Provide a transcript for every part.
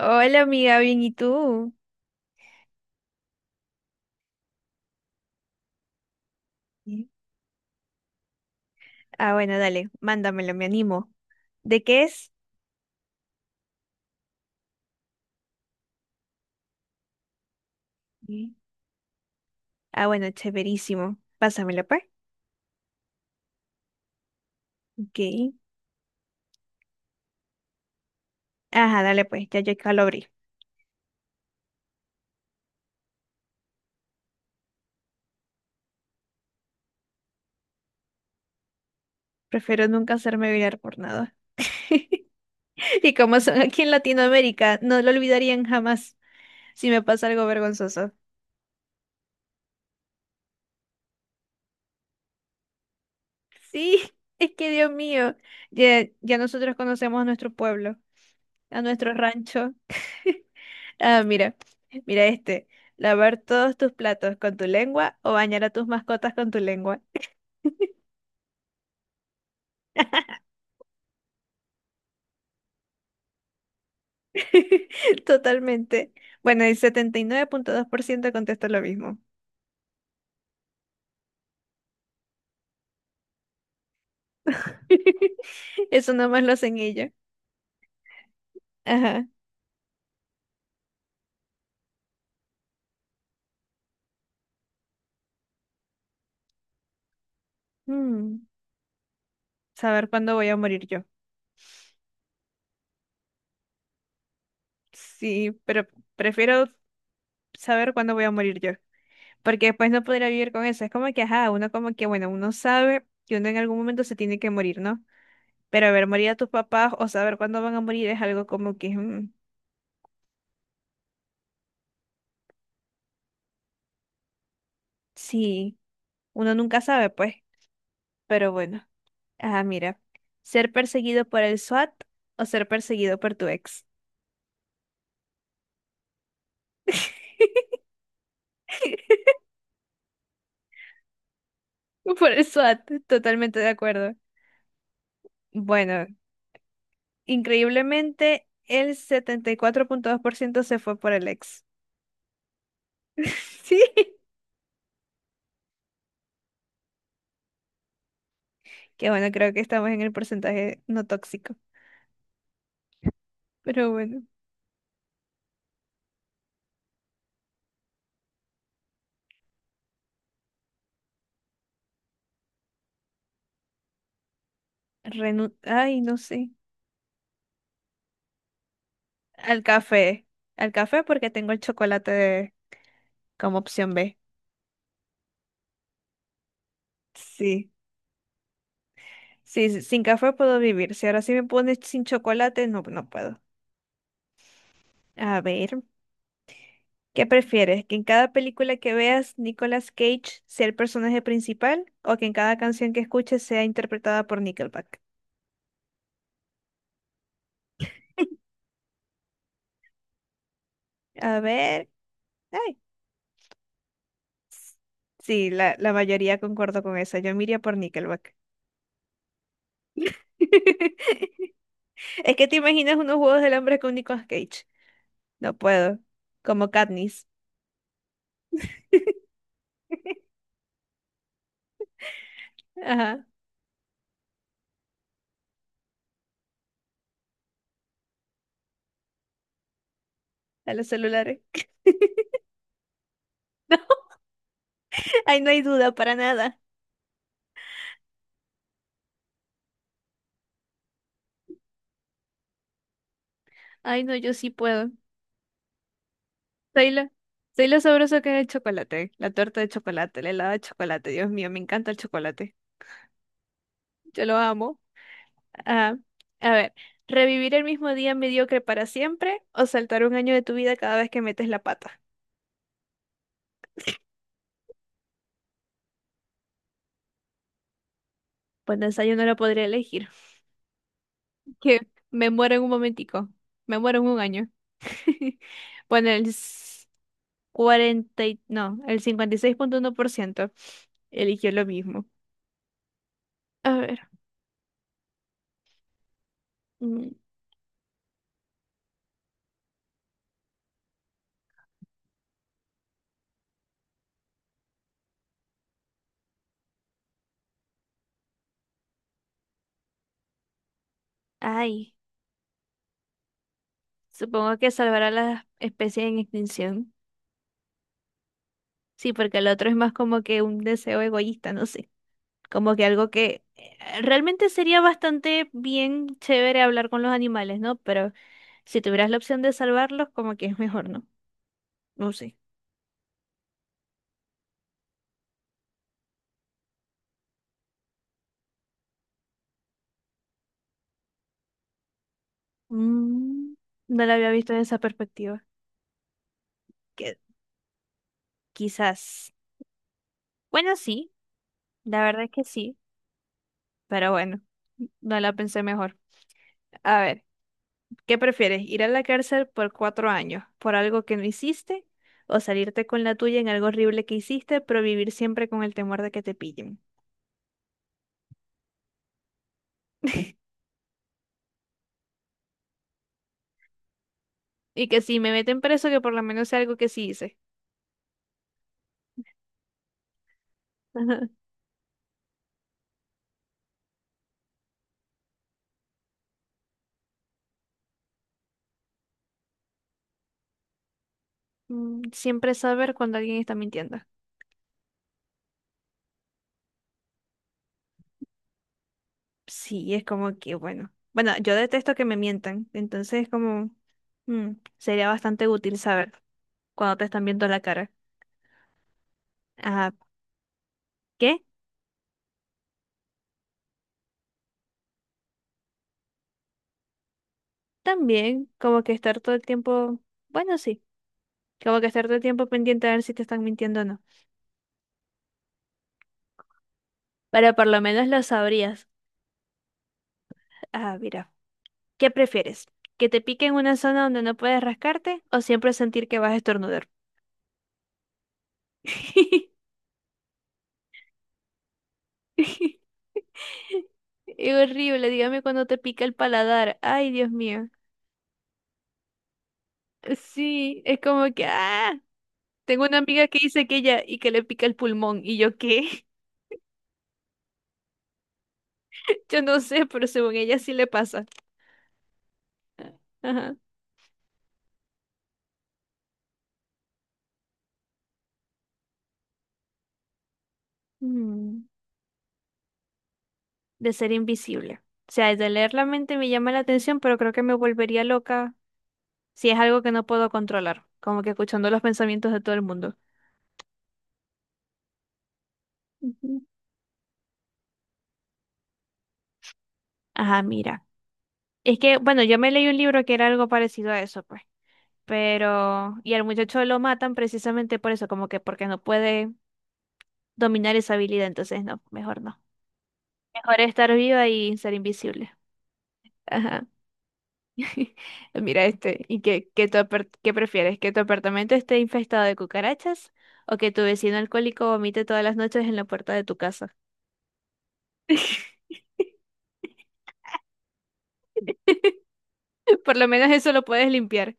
Hola amiga, bien, ¿y tú? Sí, ah, bueno, dale, mándamelo, me animo. ¿De qué es? Sí. Ah, bueno, chéverísimo. Pásamelo, pues. Ok. Ajá, dale, pues, ya yo acá lo abrí. Prefiero nunca hacerme virar por nada. Y como son aquí en Latinoamérica, no lo olvidarían jamás si me pasa algo vergonzoso. Sí, es que Dios mío, ya, ya nosotros conocemos a nuestro pueblo, a nuestro rancho. Ah, mira, mira este. Lavar todos tus platos con tu lengua o bañar a tus mascotas con tu lengua. Totalmente. Bueno, el 79,2% contesta lo mismo. Eso nomás lo hacen ellos. Ajá. Mm, Saber cuándo voy a morir yo. Sí, pero prefiero saber cuándo voy a morir yo. Porque después no podría vivir con eso. Es como que, ajá, uno como que, bueno, uno sabe que uno en algún momento se tiene que morir, ¿no? Pero a ver, morir a tus papás o saber cuándo van a morir es algo como que, sí, uno nunca sabe, pues. Pero bueno, ah, mira, ser perseguido por el SWAT o ser perseguido por tu ex. Por el SWAT, totalmente de acuerdo. Bueno, increíblemente el 74,2% se fue por el ex. Sí, que bueno, creo que estamos en el porcentaje no tóxico. Pero bueno, ay, no sé. Al café. Al café porque tengo el chocolate como opción B. Sí. Sí, sí, sin café puedo vivir. Si ahora sí me pones sin chocolate, no, no puedo. A ver, ¿qué prefieres? ¿Que en cada película que veas Nicolas Cage sea el personaje principal o que en cada canción que escuches sea interpretada por Nickelback? A ver. Ay, sí, la mayoría concuerdo con esa. Yo me iría por Nickelback. Es que te imaginas unos juegos del hambre con Nicolas Cage. No puedo. Como Katniss. Ajá, a los celulares. No, ahí no hay duda para nada. Ay, no, yo sí puedo. Soy lo, soy lo sabroso que es el chocolate, la torta de chocolate, el helado de chocolate. Dios mío, me encanta el chocolate. Yo lo amo. Ah, a ver, ¿revivir el mismo día mediocre para siempre o saltar un año de tu vida cada vez que metes la pata? Pues de esa yo no lo podría elegir. Que me muero en un momentico. Me muero en un año. Bueno, el no, el 56,1% eligió lo mismo. A ver. mm, Ay, supongo que salvar a las especies en extinción. Sí, porque el otro es más como que un deseo egoísta, no sé. Como que algo que realmente sería bastante bien chévere hablar con los animales, ¿no? Pero si tuvieras la opción de salvarlos, como que es mejor, ¿no? No sé. Mm, no la había visto en esa perspectiva. Que quizás. Bueno, sí, la verdad es que sí. Pero bueno, no la pensé mejor. A ver, ¿qué prefieres? ¿Ir a la cárcel por 4 años por algo que no hiciste? ¿O salirte con la tuya en algo horrible que hiciste, pero vivir siempre con el temor de que te pillen? Y que si me meten preso, que por lo menos sea algo que sí hice. Ajá. Mm, siempre saber cuando alguien está mintiendo. Sí, es como que, bueno. Bueno, yo detesto que me mientan, entonces es como, mm, sería bastante útil saber cuando te están viendo la cara. Ajá. ¿Qué? También, como que estar todo el tiempo, bueno, sí, como que estar todo el tiempo pendiente a ver si te están mintiendo o no. Pero por lo menos lo sabrías. Ah, mira, ¿qué prefieres? ¿Que te pique en una zona donde no puedes rascarte o siempre sentir que vas a estornudar? Es horrible, dígame cuando te pica el paladar. Ay, Dios mío. Sí, es como que, ah, tengo una amiga que dice que ella y que le pica el pulmón. ¿Y yo qué? Yo no sé, pero según ella sí le pasa. Ajá. Mm. De ser invisible. O sea, el de leer la mente me llama la atención, pero creo que me volvería loca si es algo que no puedo controlar, como que escuchando los pensamientos de todo el mundo. Ujú. Ajá, mira. Es que, bueno, yo me leí un libro que era algo parecido a eso, pues. Pero, y al muchacho lo matan precisamente por eso, como que porque no puede dominar esa habilidad, entonces no, mejor no. Mejor estar viva y ser invisible. Ajá. Mira este, ¿y qué prefieres? ¿Que tu apartamento esté infestado de cucarachas o que tu vecino alcohólico vomite todas las noches en la puerta de tu casa? Por lo menos eso lo puedes limpiar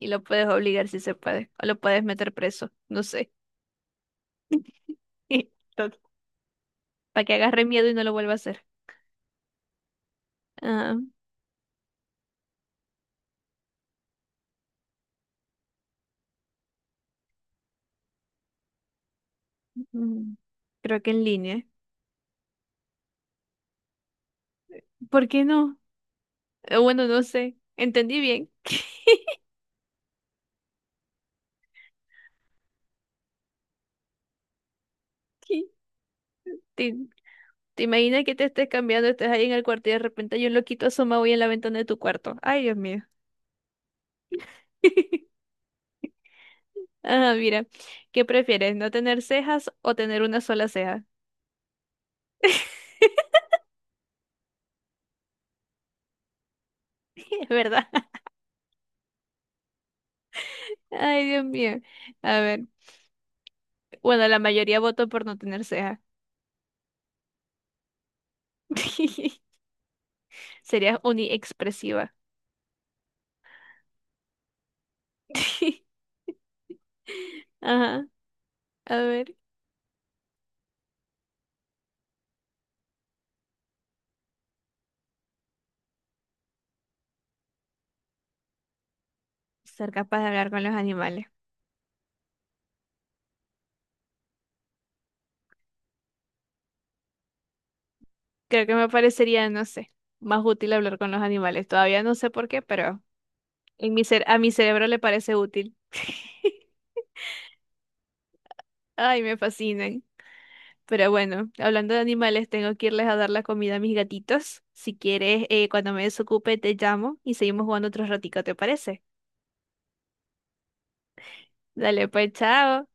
y lo puedes obligar si se puede, o lo puedes meter preso, no sé, para que agarre miedo y no lo vuelva a hacer. Ah, mm, creo que en línea. ¿Por qué no? Bueno, no sé, entendí bien. Sí, ¿te imaginas que te estés cambiando, estés ahí en el cuarto y de repente hay un loquito asomado y en la ventana de tu cuarto? Ay, Dios mío. Ajá, mira, ¿qué prefieres? ¿No tener cejas o tener una sola ceja? Es verdad. Ay, Dios mío. A ver, bueno, la mayoría votó por no tener ceja. Serías uniexpresiva. Ajá, a ver, ser capaz de hablar con los animales. Creo que me parecería, no sé, más útil hablar con los animales. Todavía no sé por qué, pero en mi a mi cerebro le parece útil. Ay, me fascinan. Pero bueno, hablando de animales, tengo que irles a dar la comida a mis gatitos. Si quieres, cuando me desocupe, te llamo y seguimos jugando otro ratico, ¿te parece? Dale, pues, chao.